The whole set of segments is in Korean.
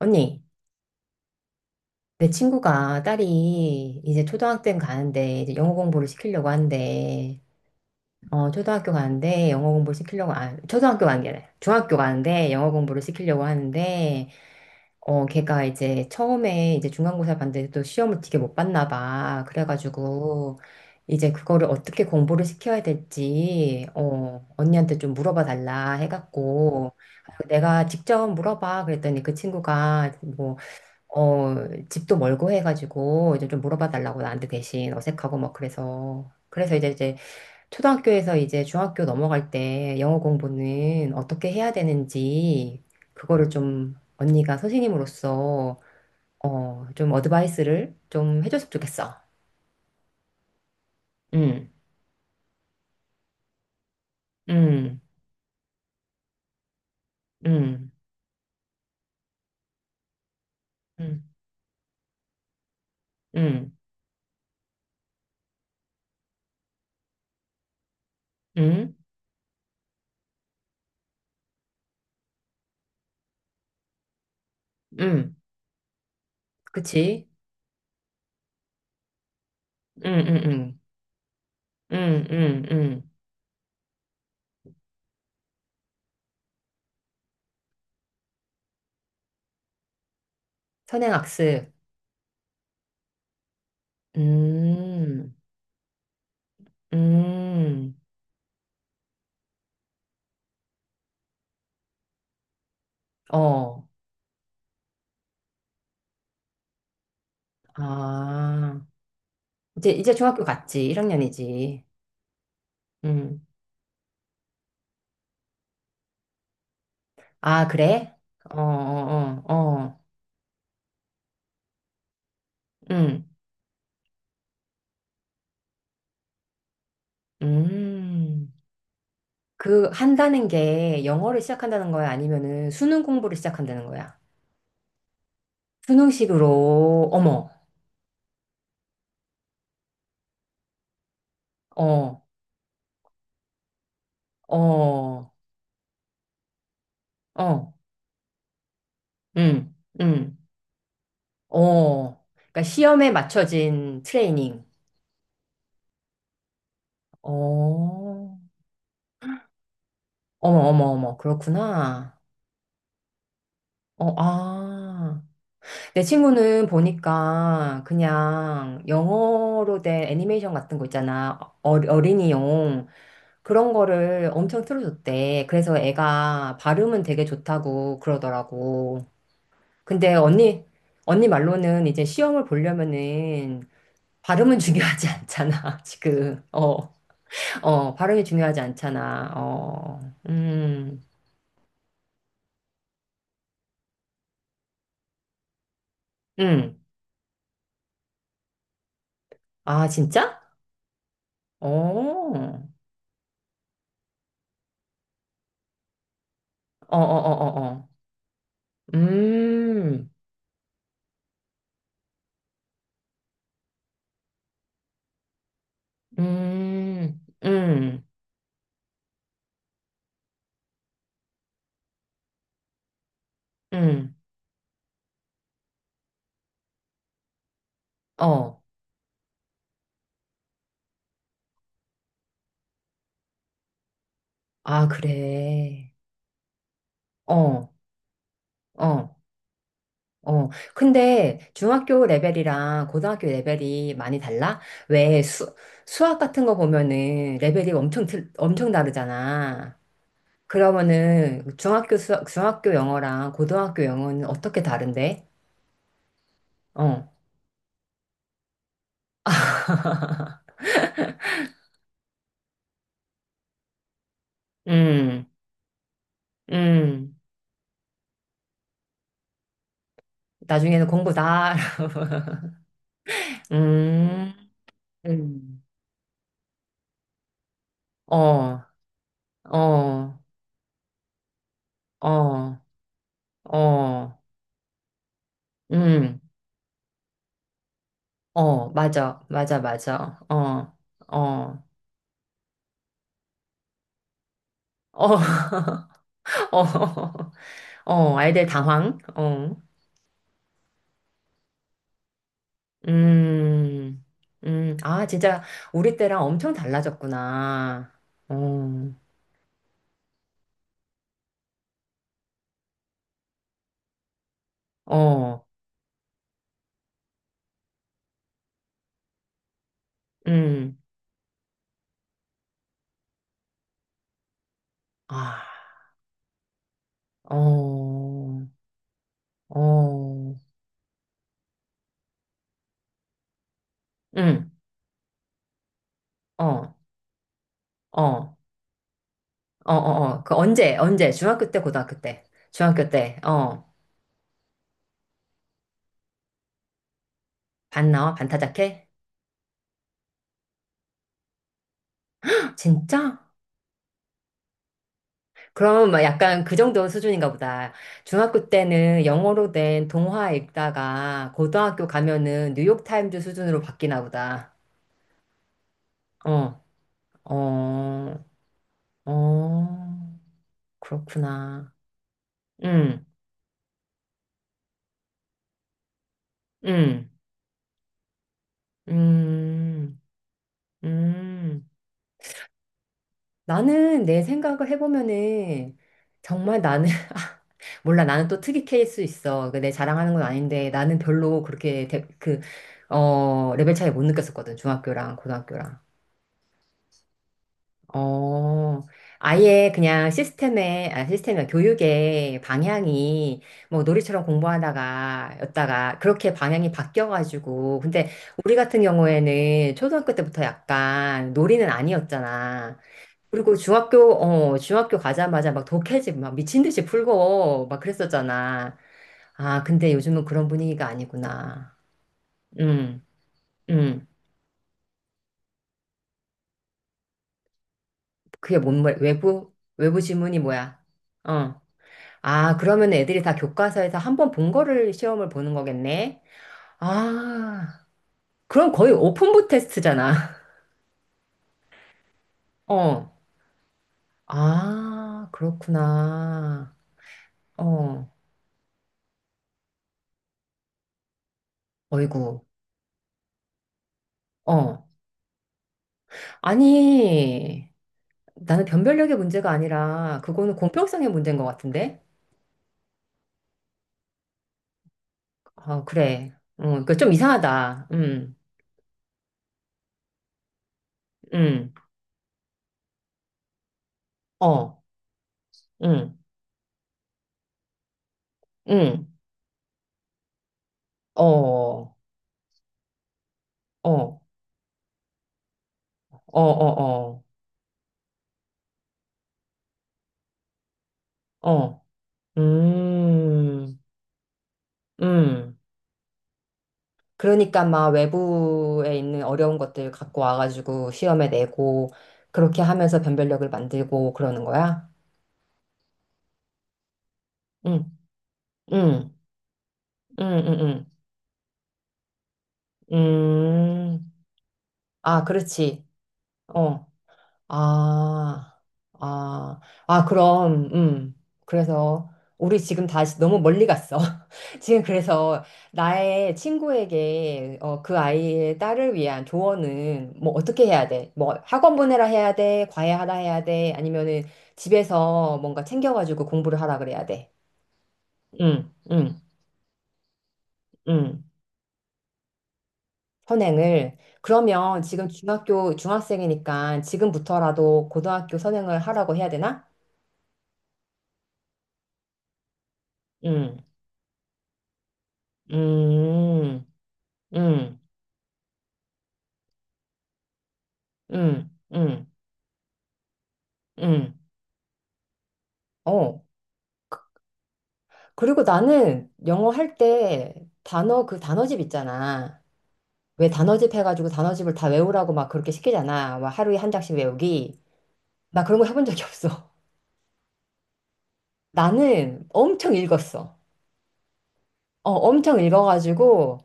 언니, 내 친구가 딸이 이제 초등학생 가는데 이제 영어 공부를 시키려고 하는데 어 초등학교 가는데 영어 공부를 시키려고 아 초등학교 가는 게 아니라 중학교 가는데 영어 공부를 시키려고 하는데 어 걔가 이제 처음에 이제 중간고사 봤는데 또 시험을 되게 못 봤나 봐 그래가지고 이제 그거를 어떻게 공부를 시켜야 될지 어 언니한테 좀 물어봐 달라 해갖고 아, 내가 직접 물어봐 그랬더니 그 친구가 뭐 어, 집도 멀고 해가지고 이제 좀 물어봐 달라고 나한테 대신 어색하고 막 그래서 그래서 이제 초등학교에서 이제 중학교 넘어갈 때 영어 공부는 어떻게 해야 되는지 그거를 좀 언니가 선생님으로서 어, 좀 어드바이스를 좀 해줬으면 좋겠어. 응, 응, 응, 응, 응, 응, 응, 그치? 응, 응, 응, 응, 응, 응. 선행학습. 음, 음, 어. 아, 이제 중학교 갔지. 1학년이지. 음. 아, 그래? 어, 어, 어, 어. 음, 음. 그, 한다는 게 영어를 시작한다는 거야? 아니면은 수능 공부를 시작한다는 거야? 수능식으로, 어머, 어, 어, 어, 음, 음, 어. 그러니까 시험에 맞춰진 트레이닝. 어, 어머, 어머, 어머. 그렇구나. 어, 아. 내 친구는 보니까 그냥 영어로 된 애니메이션 같은 거 있잖아. 어, 어린이용. 그런 거를 엄청 틀어줬대. 그래서 애가 발음은 되게 좋다고 그러더라고. 근데 언니, 언니 말로는 이제 시험을 보려면은 발음은 중요하지 않잖아. 지금. 어, 어, 발음이 중요하지 않잖아. 어, 음, 음. 아, 진짜? 어, 어, 어, 어, 어. 어. 음. 음, 음, 음, 어. 아, 그래. 어, 어, 어. 근데 중학교 레벨이랑 고등학교 레벨이 많이 달라? 왜 수, 수학 같은 거 보면은 레벨이 엄청, 엄청 다르잖아. 그러면은 중학교 수학, 중학교 영어랑 고등학교 영어는 어떻게 다른데? 어, 음, 음. 나중에는 공부 다, 음, 음. 어, 어, 어, 어. 음, 어, 맞아, 맞아, 맞아. 어, 어, 어, 어, 어, 아이들 당황. 어, 음, 아, 진짜 우리 때랑 엄청 달라졌구나. 어, 어, 음, 아, 어, 어, 음, 어, 어, 어, 어, 어, 그 언제, 언제? 중학교 때, 고등학교 때, 중학교 때, 어, 반 나와, 반 타작해? 진짜? 그럼 막 약간 그 정도 수준인가 보다. 중학교 때는 영어로 된 동화 읽다가 고등학교 가면은 뉴욕타임즈 수준으로 바뀌나 보다. 어, 어, 어, 그렇구나. 음, 음, 음, 음. 나는 내 생각을 해보면은 정말 나는, 몰라, 나는 또 특이 케이스 있어. 그내 자랑하는 건 아닌데 나는 별로 그렇게 그, 어, 레벨 차이 못 느꼈었거든. 중학교랑 고등학교랑. 어, 아예 그냥 시스템에, 아, 시스템이 교육의 방향이 뭐 놀이처럼 공부하다가, 였다가, 그렇게 방향이 바뀌어가지고. 근데 우리 같은 경우에는 초등학교 때부터 약간 놀이는 아니었잖아. 그리고 중학교, 어, 중학교 가자마자 막 독해집 막 미친 듯이 풀고 막 그랬었잖아. 아, 근데 요즘은 그런 분위기가 아니구나. 음, 음. 그게 뭔, 외부, 외부 지문이 뭐야? 어. 아, 그러면 애들이 다 교과서에서 한번 본 거를 시험을 보는 거겠네? 아, 그럼 거의 오픈북 테스트잖아. 어. 아, 그렇구나. 어. 어이구. 어. 아니, 나는 변별력의 문제가 아니라, 그거는 공평성의 문제인 것 같은데? 어, 그래. 어, 그좀 이상하다. 음, 어, 음, 음, 어, 어, 어, 어, 어, 어, 음, 음. 그러니까 막 외부에 있는 어려운 것들 갖고 와가지고 시험에 내고 그렇게 하면서 변별력을 만들고 그러는 거야? 응, 응, 응, 응, 응. 아, 그렇지. 어. 아, 아, 아, 그럼, 그래서 우리 지금 다시 너무 멀리 갔어. 지금 그래서 나의 친구에게 어, 그 아이의 딸을 위한 조언은 뭐 어떻게 해야 돼? 뭐 학원 보내라 해야 돼? 과외 하라 해야 돼? 아니면은 집에서 뭔가 챙겨가지고 공부를 하라 그래야 돼? 응, 응, 응. 선행을. 그러면 지금 중학교, 중학생이니까 지금부터라도 고등학교 선행을 하라고 해야 되나? 응. 음, 음, 음, 음, 음. 어. 그리고 나는 영어 할 때 단어, 그 단어집 있잖아. 왜 단어집 해가지고 단어집을 다 외우라고 막 그렇게 시키잖아. 막 하루에 한 장씩 외우기. 나 그런 거 해본 적이 없어. 나는 엄청 읽었어. 어, 엄청 읽어가지고.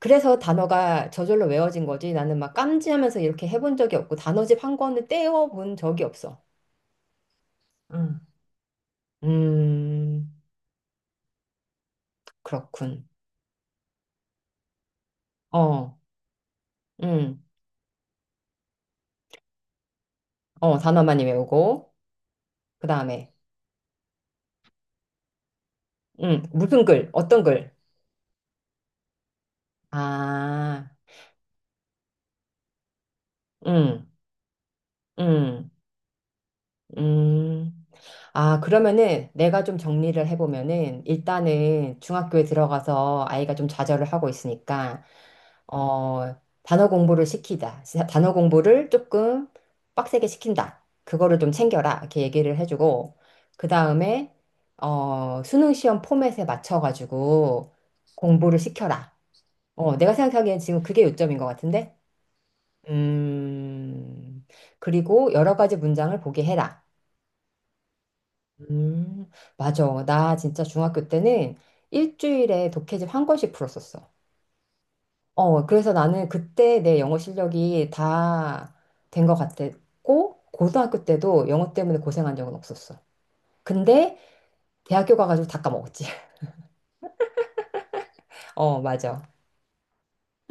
그래서 단어가 저절로 외워진 거지. 나는 막 깜지하면서 이렇게 해본 적이 없고, 단어집 한 권을 떼어본 적이 없어. 음, 음, 그렇군. 어. 음. 어, 단어 많이 외우고, 그 다음에, 무슨 글, 어떤 글? 아, 음, 음, 음. 아, 그러면은 내가 좀 정리를 해보면은 일단은 중학교에 들어가서 아이가 좀 좌절을 하고 있으니까, 어, 단어 공부를 시키자. 단어 공부를 조금 빡세게 시킨다. 그거를 좀 챙겨라. 이렇게 얘기를 해주고, 그 다음에, 어, 수능 시험 포맷에 맞춰가지고 공부를 시켜라. 어, 내가 생각하기엔 지금 그게 요점인 것 같은데? 음, 그리고 여러 가지 문장을 보게 해라. 음, 맞아. 나 진짜 중학교 때는 일주일에 독해집 한 권씩 풀었었어. 어, 그래서 나는 그때 내 영어 실력이 다 된 것 같았고, 고등학교 때도 영어 때문에 고생한 적은 없었어. 근데 대학교 가가지고 다 까먹었지. 어, 맞아.